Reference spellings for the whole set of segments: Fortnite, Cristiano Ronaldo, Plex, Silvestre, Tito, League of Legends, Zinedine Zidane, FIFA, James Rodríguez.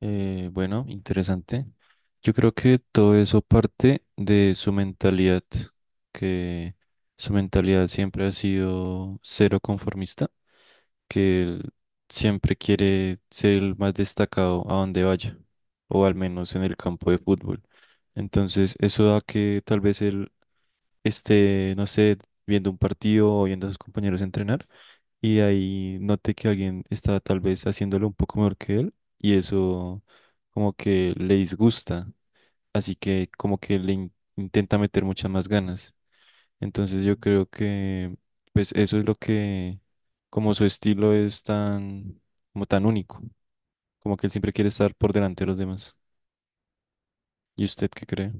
Bueno, Interesante. Yo creo que todo eso parte de su mentalidad, que su mentalidad siempre ha sido cero conformista, que él siempre quiere ser el más destacado a donde vaya, o al menos en el campo de fútbol. Entonces, eso da que tal vez él esté, no sé, viendo un partido o viendo a sus compañeros entrenar y de ahí noté que alguien estaba tal vez haciéndolo un poco mejor que él y eso como que le disgusta, así que como que le intenta meter muchas más ganas. Entonces yo creo que pues eso es lo que como su estilo es tan como tan único, como que él siempre quiere estar por delante de los demás. ¿Y usted qué cree?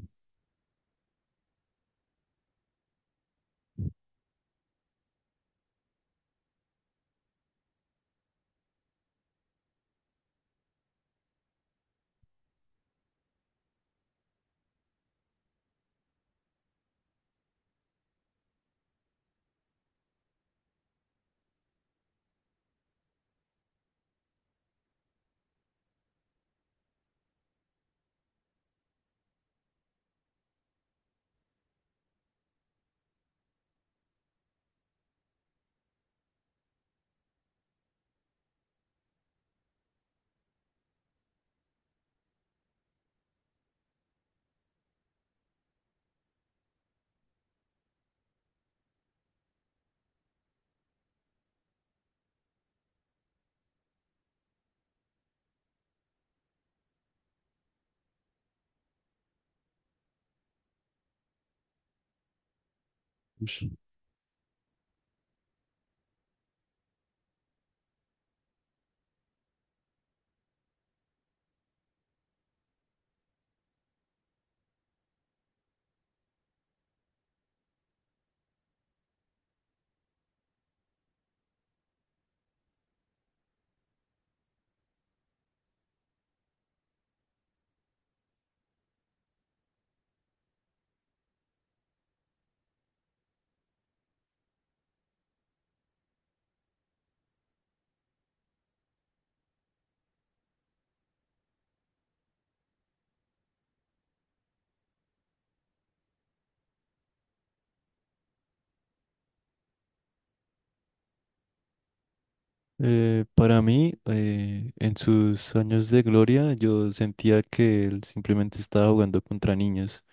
Para mí, en sus años de gloria, yo sentía que él simplemente estaba jugando contra niños,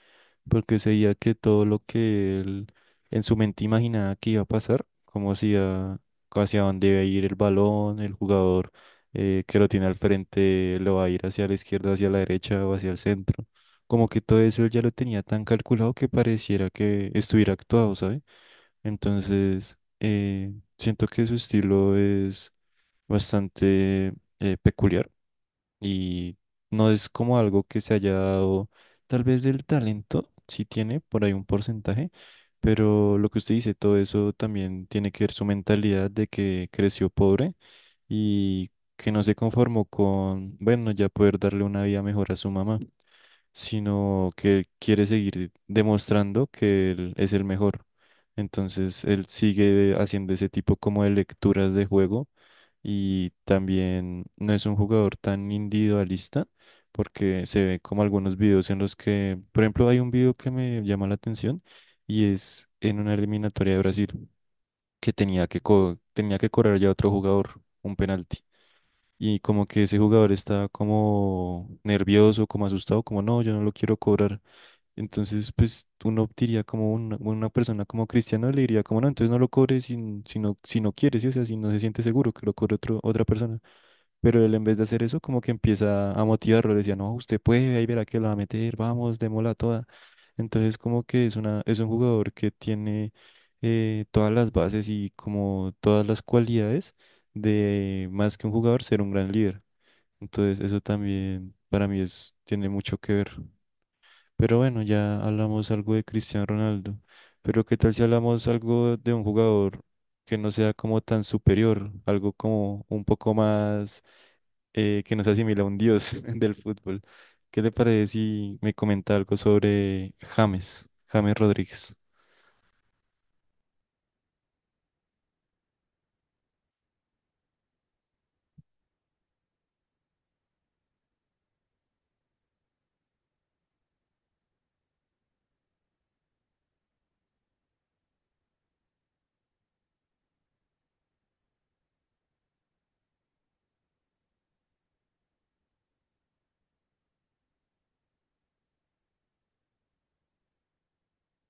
porque seguía que todo lo que él en su mente imaginaba que iba a pasar, como hacía, hacia dónde iba a ir el balón, el jugador que lo tiene al frente lo va a ir hacia la izquierda, hacia la derecha o hacia el centro. Como que todo eso él ya lo tenía tan calculado que pareciera que estuviera actuado, ¿sabes? Entonces, siento que su estilo es bastante peculiar y no es como algo que se haya dado tal vez del talento, sí tiene por ahí un porcentaje, pero lo que usted dice, todo eso también tiene que ver su mentalidad de que creció pobre y que no se conformó con, bueno, ya poder darle una vida mejor a su mamá, sino que quiere seguir demostrando que él es el mejor. Entonces él sigue haciendo ese tipo como de lecturas de juego y también no es un jugador tan individualista porque se ve como algunos videos en los que, por ejemplo, hay un video que me llama la atención y es en una eliminatoria de Brasil que tenía que, tenía que cobrar ya otro jugador un penalti. Y como que ese jugador estaba como nervioso, como asustado, como no, yo no lo quiero cobrar. Entonces, pues uno diría como una persona como Cristiano le diría como no, entonces no lo cobre si, si no, si no quiere, ¿sí? O sea, si no se siente seguro que lo cobre otro, otra persona. Pero él en vez de hacer eso, como que empieza a motivarlo, le decía, no, usted puede, ahí verá que lo va a meter, vamos, démosla toda. Entonces, como que es un jugador que tiene todas las bases y como todas las cualidades de más que un jugador ser un gran líder. Entonces, eso también para mí es, tiene mucho que ver. Pero bueno, ya hablamos algo de Cristiano Ronaldo. Pero ¿qué tal si hablamos algo de un jugador que no sea como tan superior, algo como un poco más que nos asimila a un dios del fútbol? ¿Qué te parece si me comenta algo sobre James Rodríguez?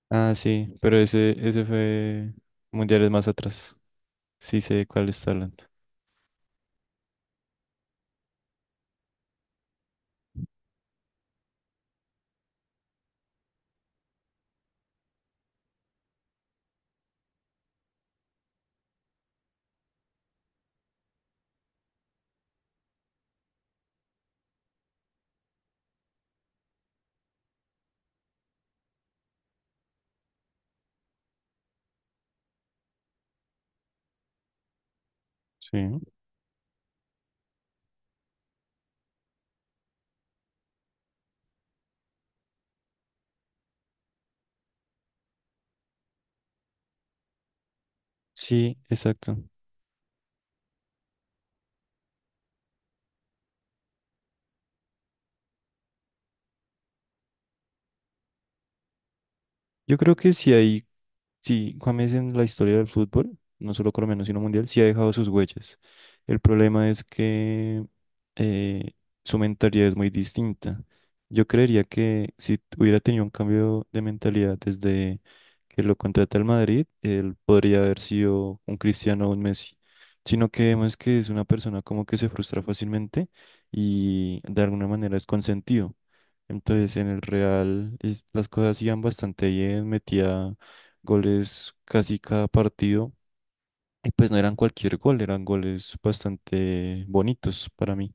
Ah, sí, pero ese fue mundiales más atrás. Sí sé de cuál está hablando. Sí. Sí, exacto. Yo creo que si hay, si James en la historia del fútbol, no solo colombiano, sino mundial, sí ha dejado sus huellas. El problema es que eh, su mentalidad es muy distinta. Yo creería que si hubiera tenido un cambio de mentalidad desde que lo contrata el Madrid, él podría haber sido un Cristiano o un Messi. Sino que vemos que es una persona como que se frustra fácilmente y de alguna manera es consentido. Entonces en el Real las cosas iban bastante bien, metía goles casi cada partido y pues no eran cualquier gol, eran goles bastante bonitos para mí.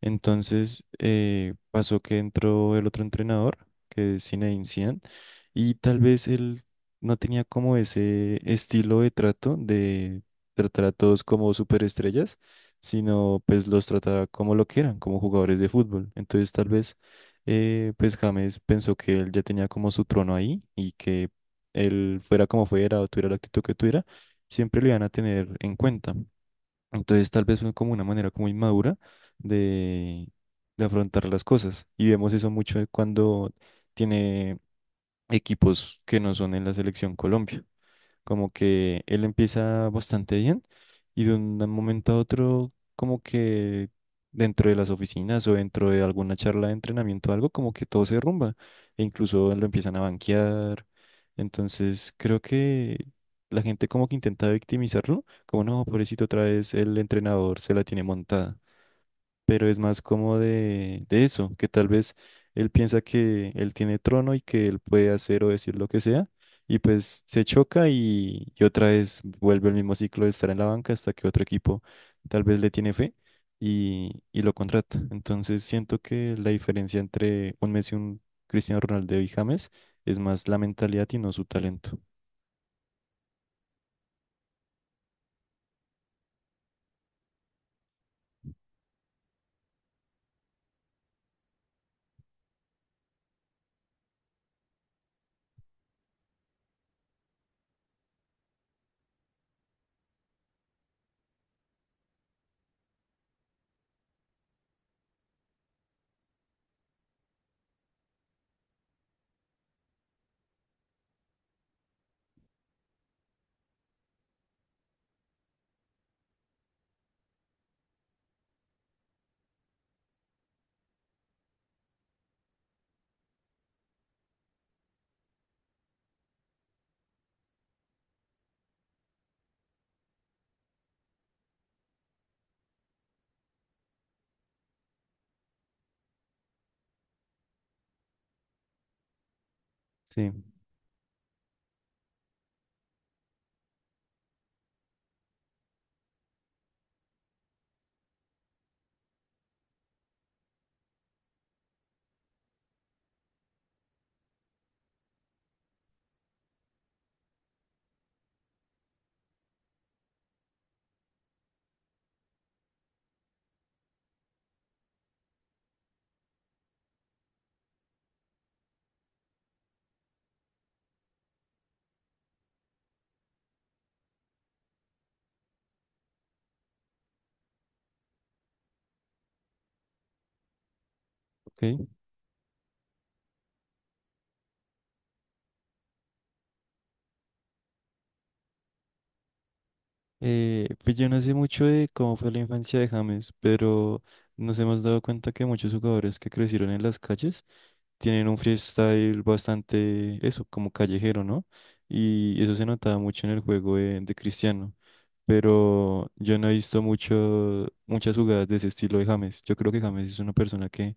Entonces pasó que entró el otro entrenador, que es Zinedine Zidane, y tal vez él no tenía como ese estilo de trato de tratar a todos como superestrellas, sino pues los trataba como lo que eran, como jugadores de fútbol. Entonces tal vez pues James pensó que él ya tenía como su trono ahí y que él fuera como fuera o tuviera la actitud que tuviera, siempre lo iban a tener en cuenta. Entonces tal vez fue como una manera como inmadura de, de afrontar las cosas. Y vemos eso mucho cuando tiene equipos que no son en la selección Colombia. Como que él empieza bastante bien y de un momento a otro, como que dentro de las oficinas o dentro de alguna charla de entrenamiento o algo, como que todo se derrumba e incluso lo empiezan a banquear. Entonces creo que la gente como que intenta victimizarlo, como no, pobrecito, otra vez el entrenador se la tiene montada, pero es más como de eso, que tal vez él piensa que él tiene trono y que él puede hacer o decir lo que sea, y pues se choca y otra vez vuelve el mismo ciclo de estar en la banca hasta que otro equipo tal vez le tiene fe y lo contrata. Entonces siento que la diferencia entre un Messi, un Cristiano Ronaldo y James es más la mentalidad y no su talento. Sí, ok. Pues yo no sé mucho de cómo fue la infancia de James, pero nos hemos dado cuenta que muchos jugadores que crecieron en las calles tienen un freestyle bastante, eso, como callejero, ¿no? Y eso se notaba mucho en el juego de Cristiano, pero yo no he visto mucho, muchas jugadas de ese estilo de James. Yo creo que James es una persona que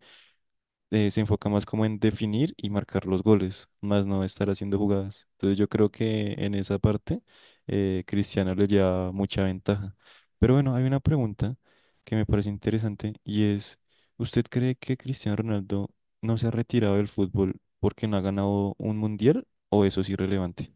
se enfoca más como en definir y marcar los goles, más no estar haciendo jugadas. Entonces yo creo que en esa parte Cristiano le lleva mucha ventaja. Pero bueno, hay una pregunta que me parece interesante y es, ¿usted cree que Cristiano Ronaldo no se ha retirado del fútbol porque no ha ganado un mundial o eso es irrelevante?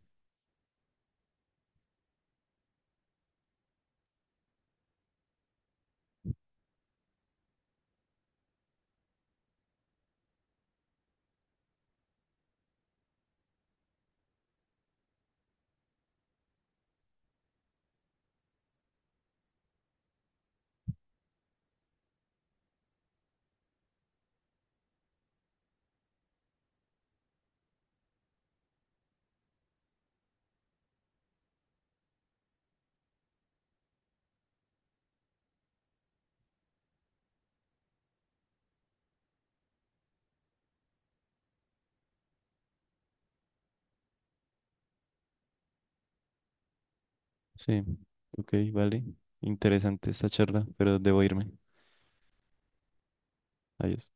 Sí, ok, vale. Interesante esta charla, pero debo irme. Adiós.